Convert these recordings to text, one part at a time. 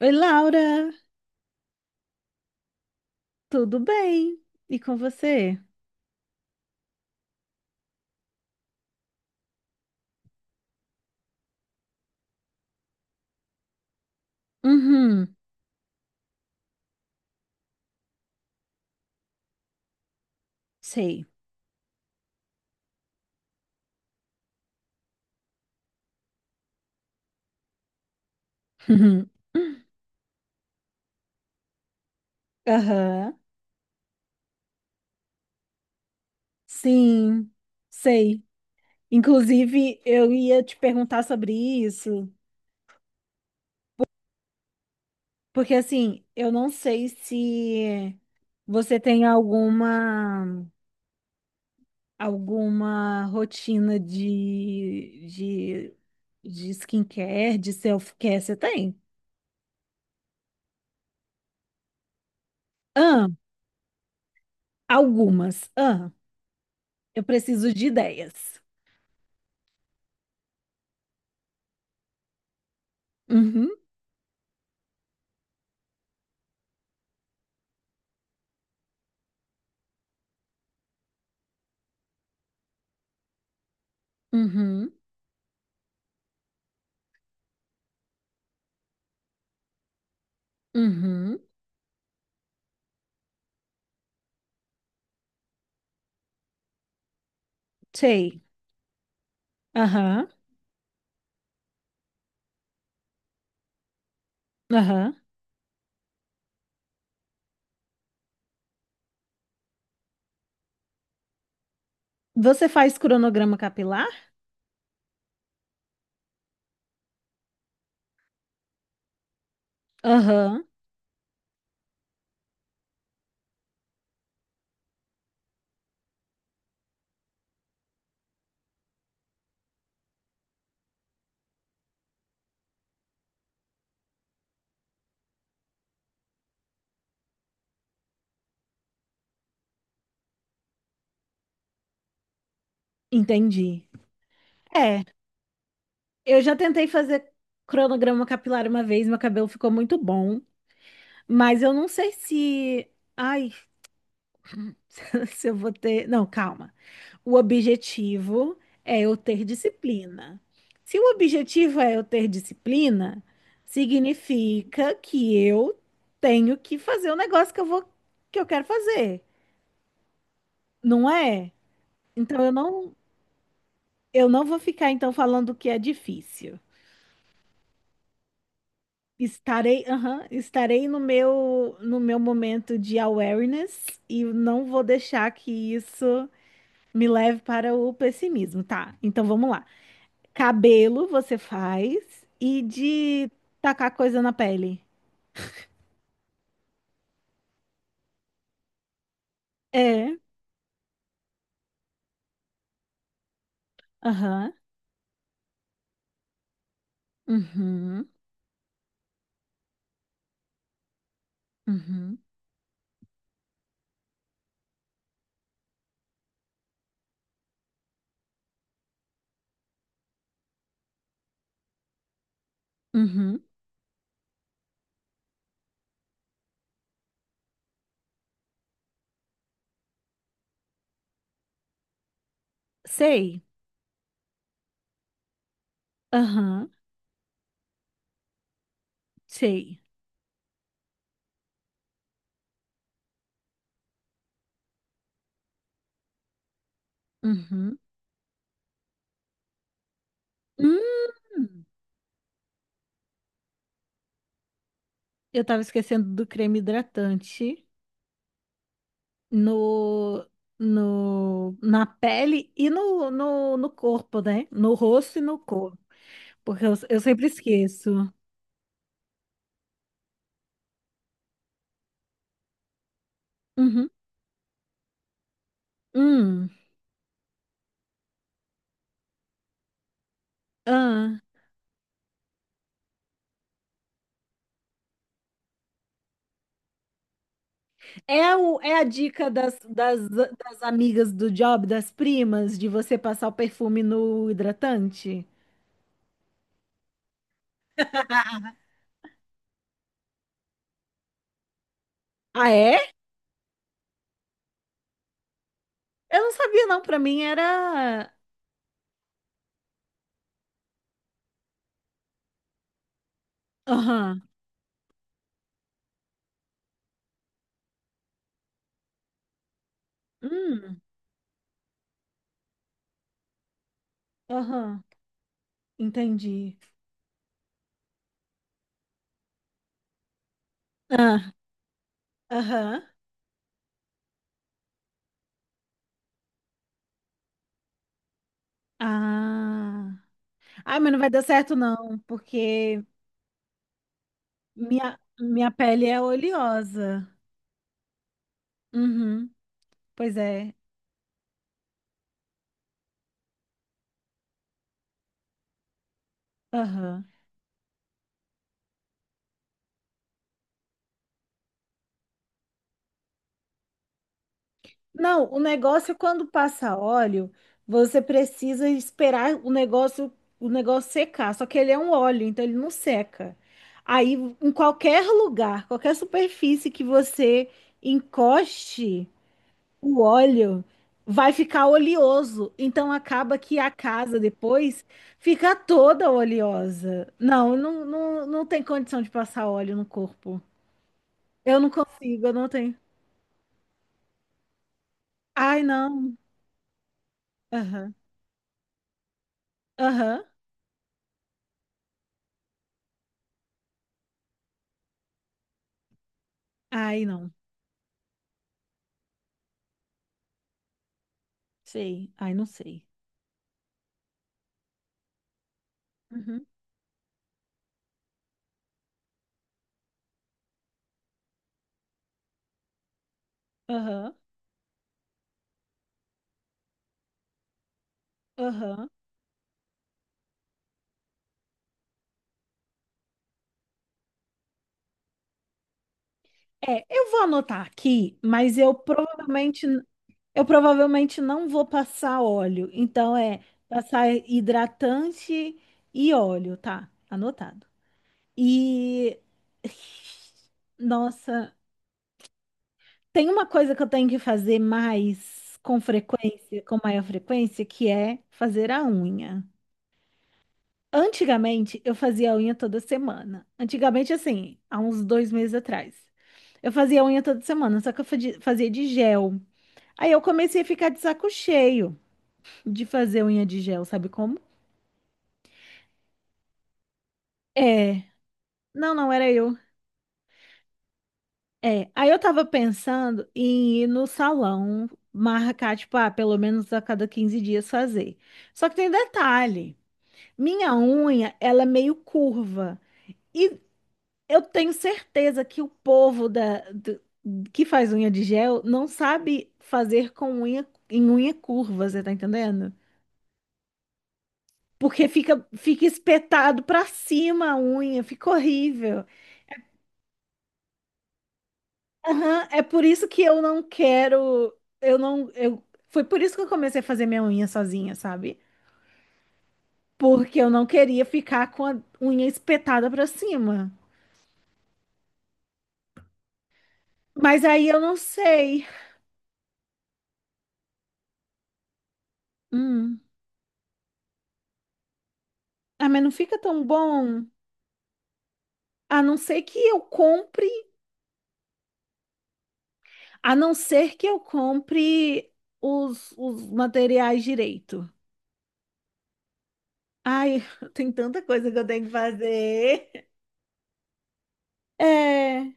Oi, Laura, tudo bem? E com você? Uhum, sei. Uhum. Aham, sim, sei. Inclusive, eu ia te perguntar sobre isso, porque assim, eu não sei se você tem alguma rotina de skincare, de self-care, você tem? Ah, algumas. Ah, eu preciso de ideias. Uhum, uhum. Uhum, sei. Aham, aham. Você faz cronograma capilar? Aham, entendi. É, eu já tentei fazer cronograma capilar uma vez, meu cabelo ficou muito bom, mas eu não sei se. Ai, se eu vou ter. Não, calma. O objetivo é eu ter disciplina. Se o objetivo é eu ter disciplina, significa que eu tenho que fazer o negócio que eu vou, que eu quero fazer, não é? Então eu não vou ficar então falando que é difícil. Estarei, aham, estarei no meu, no meu momento de awareness e não vou deixar que isso me leve para o pessimismo, tá? Então vamos lá. Cabelo você faz e de tacar coisa na pele. É, aham, uhum, uhum, uhum. Sei, aham, sei, uhum. Hum, eu tava esquecendo do creme hidratante. no, no, na pele e no corpo, né? No rosto e no corpo. Porque eu sempre esqueço. Uhum. Hum. Ah. É, é a dica das amigas do job, das primas, de você passar o perfume no hidratante? Ah, é? Eu não sabia, não. Pra mim era. Aham. Hum. Aham. Entendi. Ah. Aham. Ah. Ai, mas não vai dar certo, não, porque minha pele é oleosa. Uhum, pois é. Aham. Não, o negócio é quando passa óleo, você precisa esperar o negócio secar. Só que ele é um óleo, então ele não seca. Aí, em qualquer lugar, qualquer superfície que você encoste, o óleo vai ficar oleoso. Então acaba que a casa depois fica toda oleosa. Não, não, não, não tem condição de passar óleo no corpo. Eu não consigo, eu não tenho. Ai, não. Aham. Aham. Ai, não. Sei. Ai, não sei. Uhum. Aham. Aham. É, eu vou anotar aqui, mas eu provavelmente não vou passar óleo. Então é passar hidratante e óleo, tá? Anotado. E nossa, tem uma coisa que eu tenho que fazer mais com frequência, com maior frequência, que é fazer a unha. Antigamente, eu fazia a unha toda semana. Antigamente, assim, há uns dois meses atrás. Eu fazia a unha toda semana, só que eu fazia de gel. Aí eu comecei a ficar de saco cheio de fazer unha de gel, sabe como? É. Não, não era eu. É, aí eu tava pensando em ir no salão, marcar, tipo, ah, pelo menos a cada 15 dias fazer. Só que tem detalhe, minha unha, ela é meio curva. E eu tenho certeza que o povo que faz unha de gel não sabe fazer com unha, em unha curva, você tá entendendo? Porque fica, fica espetado pra cima a unha, fica horrível. Aham, é por isso que eu não quero, eu não, eu, foi por isso que eu comecei a fazer minha unha sozinha, sabe? Porque eu não queria ficar com a unha espetada pra cima. Mas aí eu não sei. Hum. Ah, mas não fica tão bom. A não ser que eu compre, a não ser que eu compre os materiais direito. Ai, tem tanta coisa que eu tenho que fazer. É.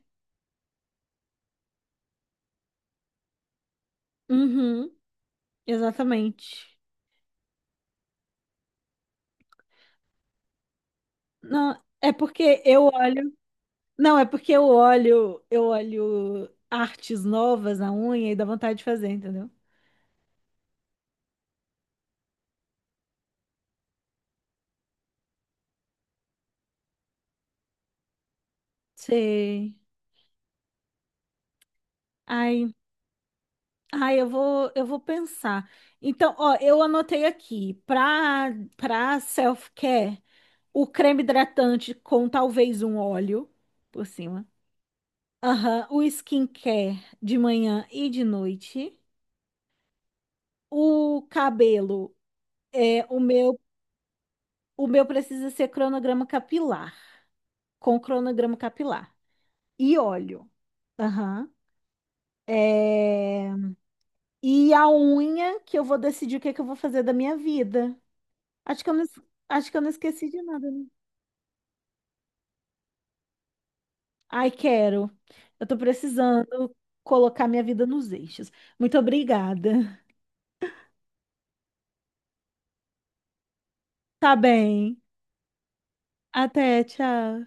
Uhum, exatamente. Não, é porque eu olho. Não, é porque eu olho artes novas na unha e dá vontade de fazer, entendeu? Sei. Ai, ai, eu vou pensar. Então, ó, eu anotei aqui, para self-care, o creme hidratante com talvez um óleo por cima. Aham, o skincare de manhã e de noite. O cabelo é o meu precisa ser cronograma capilar, com cronograma capilar. E óleo. Aham. É, e a unha, que eu vou decidir o que é que eu vou fazer da minha vida. Acho que eu não, es- acho que eu não esqueci de nada, né? Ai, quero. Eu tô precisando colocar minha vida nos eixos. Muito obrigada. Tá bem. Até, tchau.